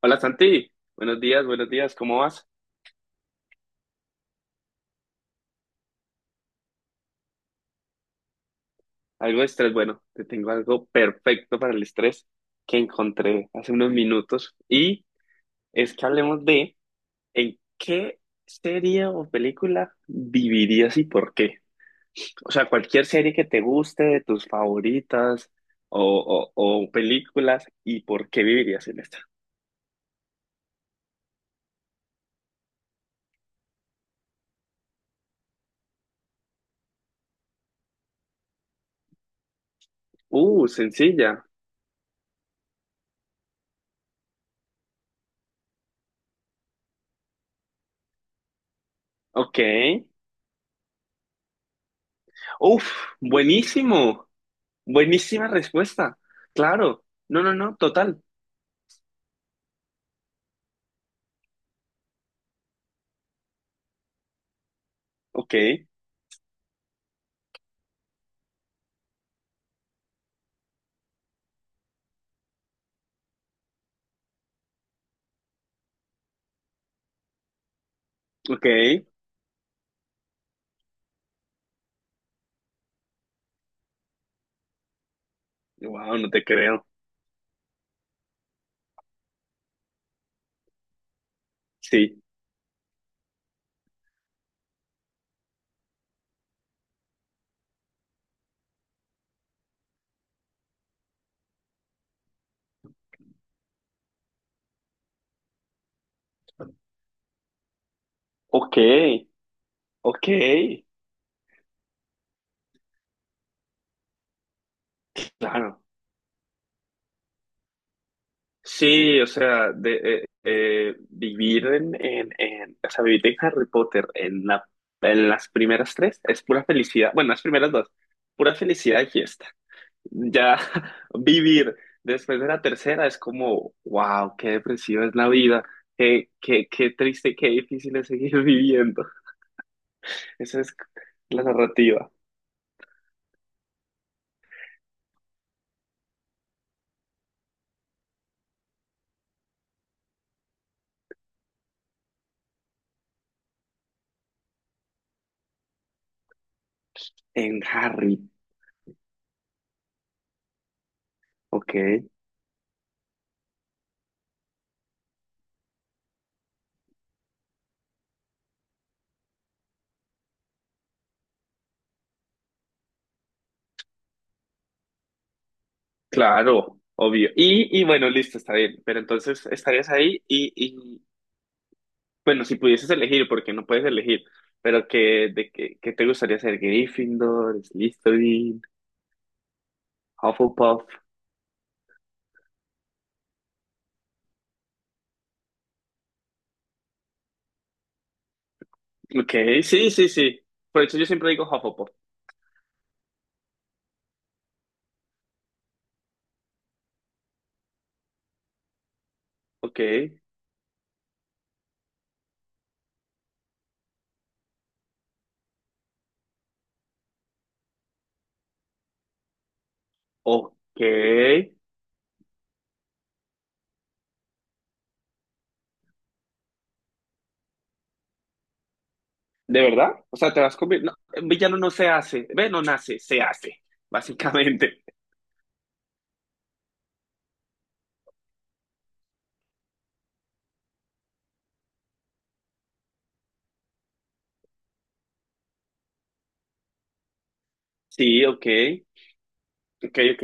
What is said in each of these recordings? Hola Santi, buenos días, ¿cómo vas? Algo de estrés, bueno, te tengo algo perfecto para el estrés que encontré hace unos minutos y es que hablemos de en qué serie o película vivirías y por qué. O sea, cualquier serie que te guste, de tus favoritas o películas y por qué vivirías en esta. Sencilla, ok. Uf, buenísimo, buenísima respuesta, claro. No, no, no, total. Ok, ok. Wow, no te creo. Sí. Ok, ok. Claro. Sí, o sea, de, vivir en, o sea, vivir en Harry Potter en la, en las primeras tres es pura felicidad. Bueno, las primeras dos, pura felicidad y fiesta. Ya vivir después de la tercera es como, wow, qué depresiva es la vida. Qué triste, qué difícil es seguir viviendo. Esa es la narrativa en Harry. Ok. Claro, obvio. Y bueno, listo, está bien. Pero entonces estarías ahí y bueno, si pudieses elegir, porque no puedes elegir, pero que te gustaría ser Gryffindor, Slytherin, Hufflepuff. Ok, sí, sí, sí. Por eso yo siempre digo Hufflepuff. Ok, ok. ¿De verdad? O sea, te vas con... No, un villano no se hace. Ve, no nace, se hace, básicamente. Sí, ok, ok, ok,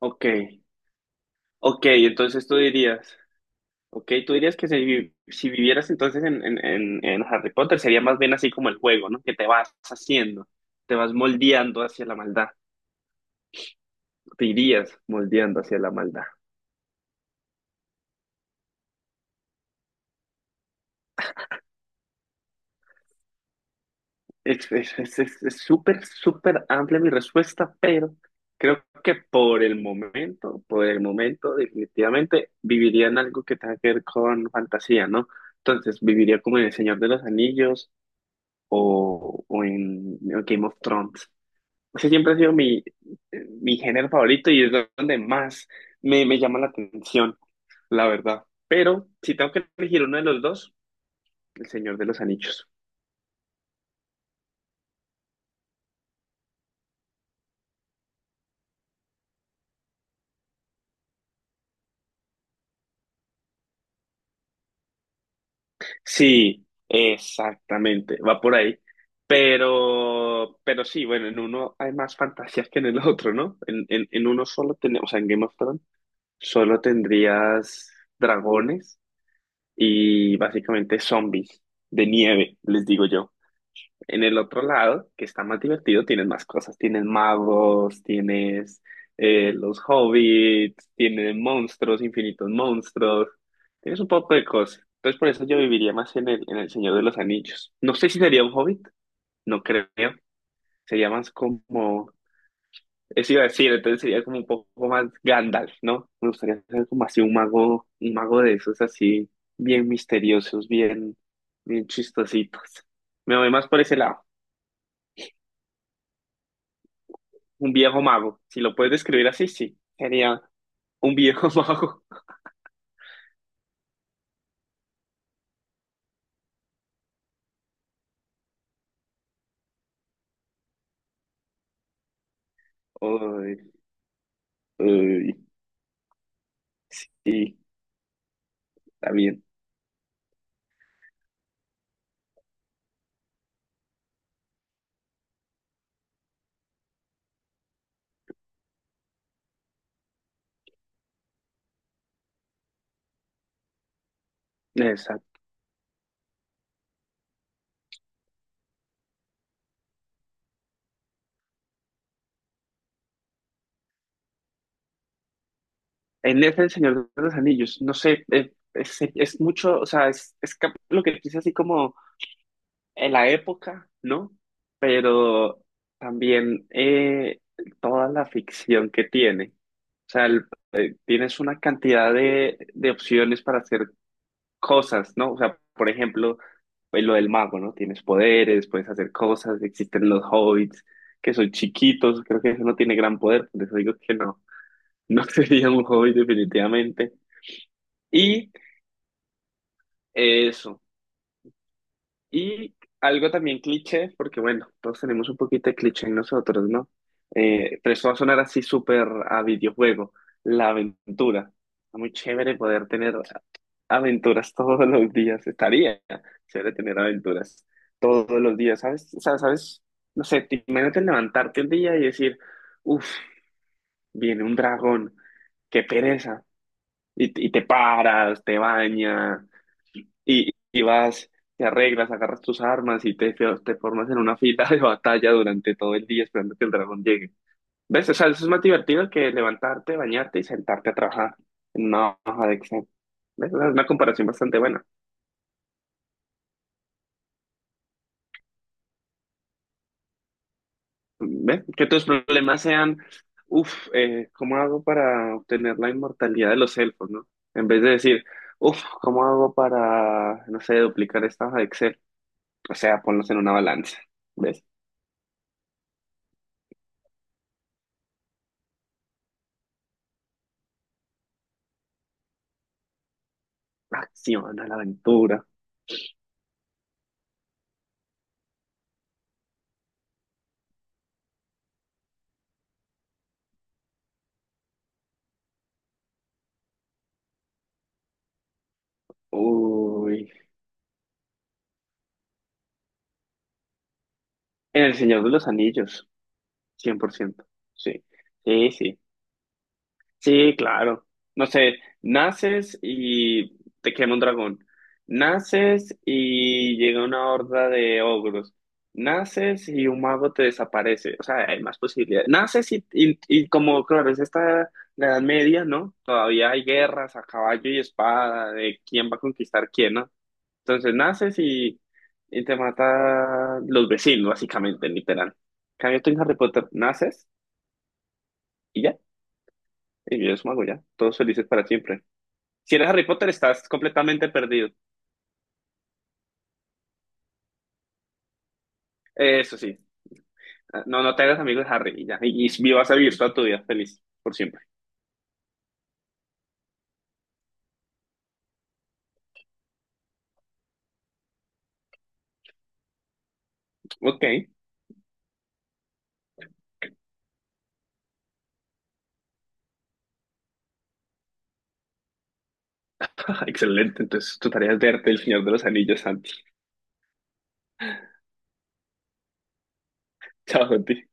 ok. Ok, entonces tú dirías... Ok, tú dirías que si, si vivieras entonces en Harry Potter sería más bien así como el juego, ¿no? Que te vas haciendo, te vas moldeando hacia la maldad, te irías moldeando hacia la maldad. Es súper, súper amplia mi respuesta, pero creo que por el momento definitivamente viviría en algo que tenga que ver con fantasía, ¿no? Entonces viviría como en El Señor de los Anillos o en Game of Thrones. Ese siempre ha sido mi, mi género favorito y es donde más me llama la atención, la verdad. Pero si tengo que elegir uno de los dos, El Señor de los Anillos. Sí, exactamente, va por ahí. Pero sí, bueno, en uno hay más fantasías que en el otro, ¿no? En uno solo tenemos, o sea, en Game of Thrones, solo tendrías dragones y básicamente zombies de nieve, les digo yo. En el otro lado, que está más divertido, tienes más cosas. Tienes magos, tienes los hobbits, tienes monstruos, infinitos monstruos. Tienes un poco de cosas. Entonces, por eso yo viviría más en el Señor de los Anillos. No sé si sería un hobbit, no creo. Sería más como, eso iba a decir, entonces sería como un poco más Gandalf, ¿no? Me gustaría ser como así un mago de esos así, bien misteriosos, bien, bien chistositos. Me voy más por ese lado. Un viejo mago. Si lo puedes describir así, sí. Sería un viejo mago. Uy, uy, sí, está bien. Exacto. En ese El Señor de los Anillos, no sé, es mucho, o sea, es lo que dice así como en la época, ¿no? Pero también toda la ficción que tiene. O sea, el- tienes una cantidad de opciones para hacer cosas, ¿no? O sea, por ejemplo, pues, lo del mago, ¿no? Tienes poderes, puedes hacer cosas, existen los hobbits, que son chiquitos, creo que eso no tiene gran poder, por eso digo que no, no sería un hobbit definitivamente. Y eso. Y algo también cliché, porque bueno, todos tenemos un poquito de cliché en nosotros, ¿no? Pero eso va a sonar así súper a videojuego, la aventura. Está muy chévere poder tener aventuras todos los días. Estaría chévere tener aventuras todos los días, ¿sabes? O sea, ¿sabes? No sé, imagínate levantarte un día y decir, uff, viene un dragón, qué pereza. Y te paras, te bañas y vas, te arreglas, agarras tus armas y te formas en una fila de batalla durante todo el día esperando que el dragón llegue. ¿Ves? O sea, eso es más divertido que levantarte, bañarte y sentarte a trabajar en una hoja de Excel. ¿Ves? Es una comparación bastante buena. ¿Ves? Que tus problemas sean, uff, ¿cómo hago para obtener la inmortalidad de los elfos, no? En vez de decir, uff, ¿cómo hago para, no sé, duplicar esta hoja de Excel? O sea, ponlos en una balanza. ¿Ves? Acción a la aventura. Uy, en El Señor de los Anillos, 100%. Sí, sí, sí, sí, claro. No sé, naces y te quema un dragón. Naces y llega una horda de ogros. Naces y un mago te desaparece. O sea, hay más posibilidades. Naces y como, claro, es esta la Edad Media, ¿no? Todavía hay guerras a caballo y espada de quién va a conquistar quién, ¿no? Entonces naces y te mata los vecinos, básicamente, literal. En cambio tú en Harry Potter, naces y ya, y vives mago ya, todos felices para siempre. Si eres Harry Potter, estás completamente perdido. Eso sí. Ah, no, no te hagas amigo de Harry y ya, y vivas a vivir toda tu vida feliz, por siempre. Ok, excelente, entonces tu tarea es verte el Señor de los Anillos, Santi. Chao, Santi.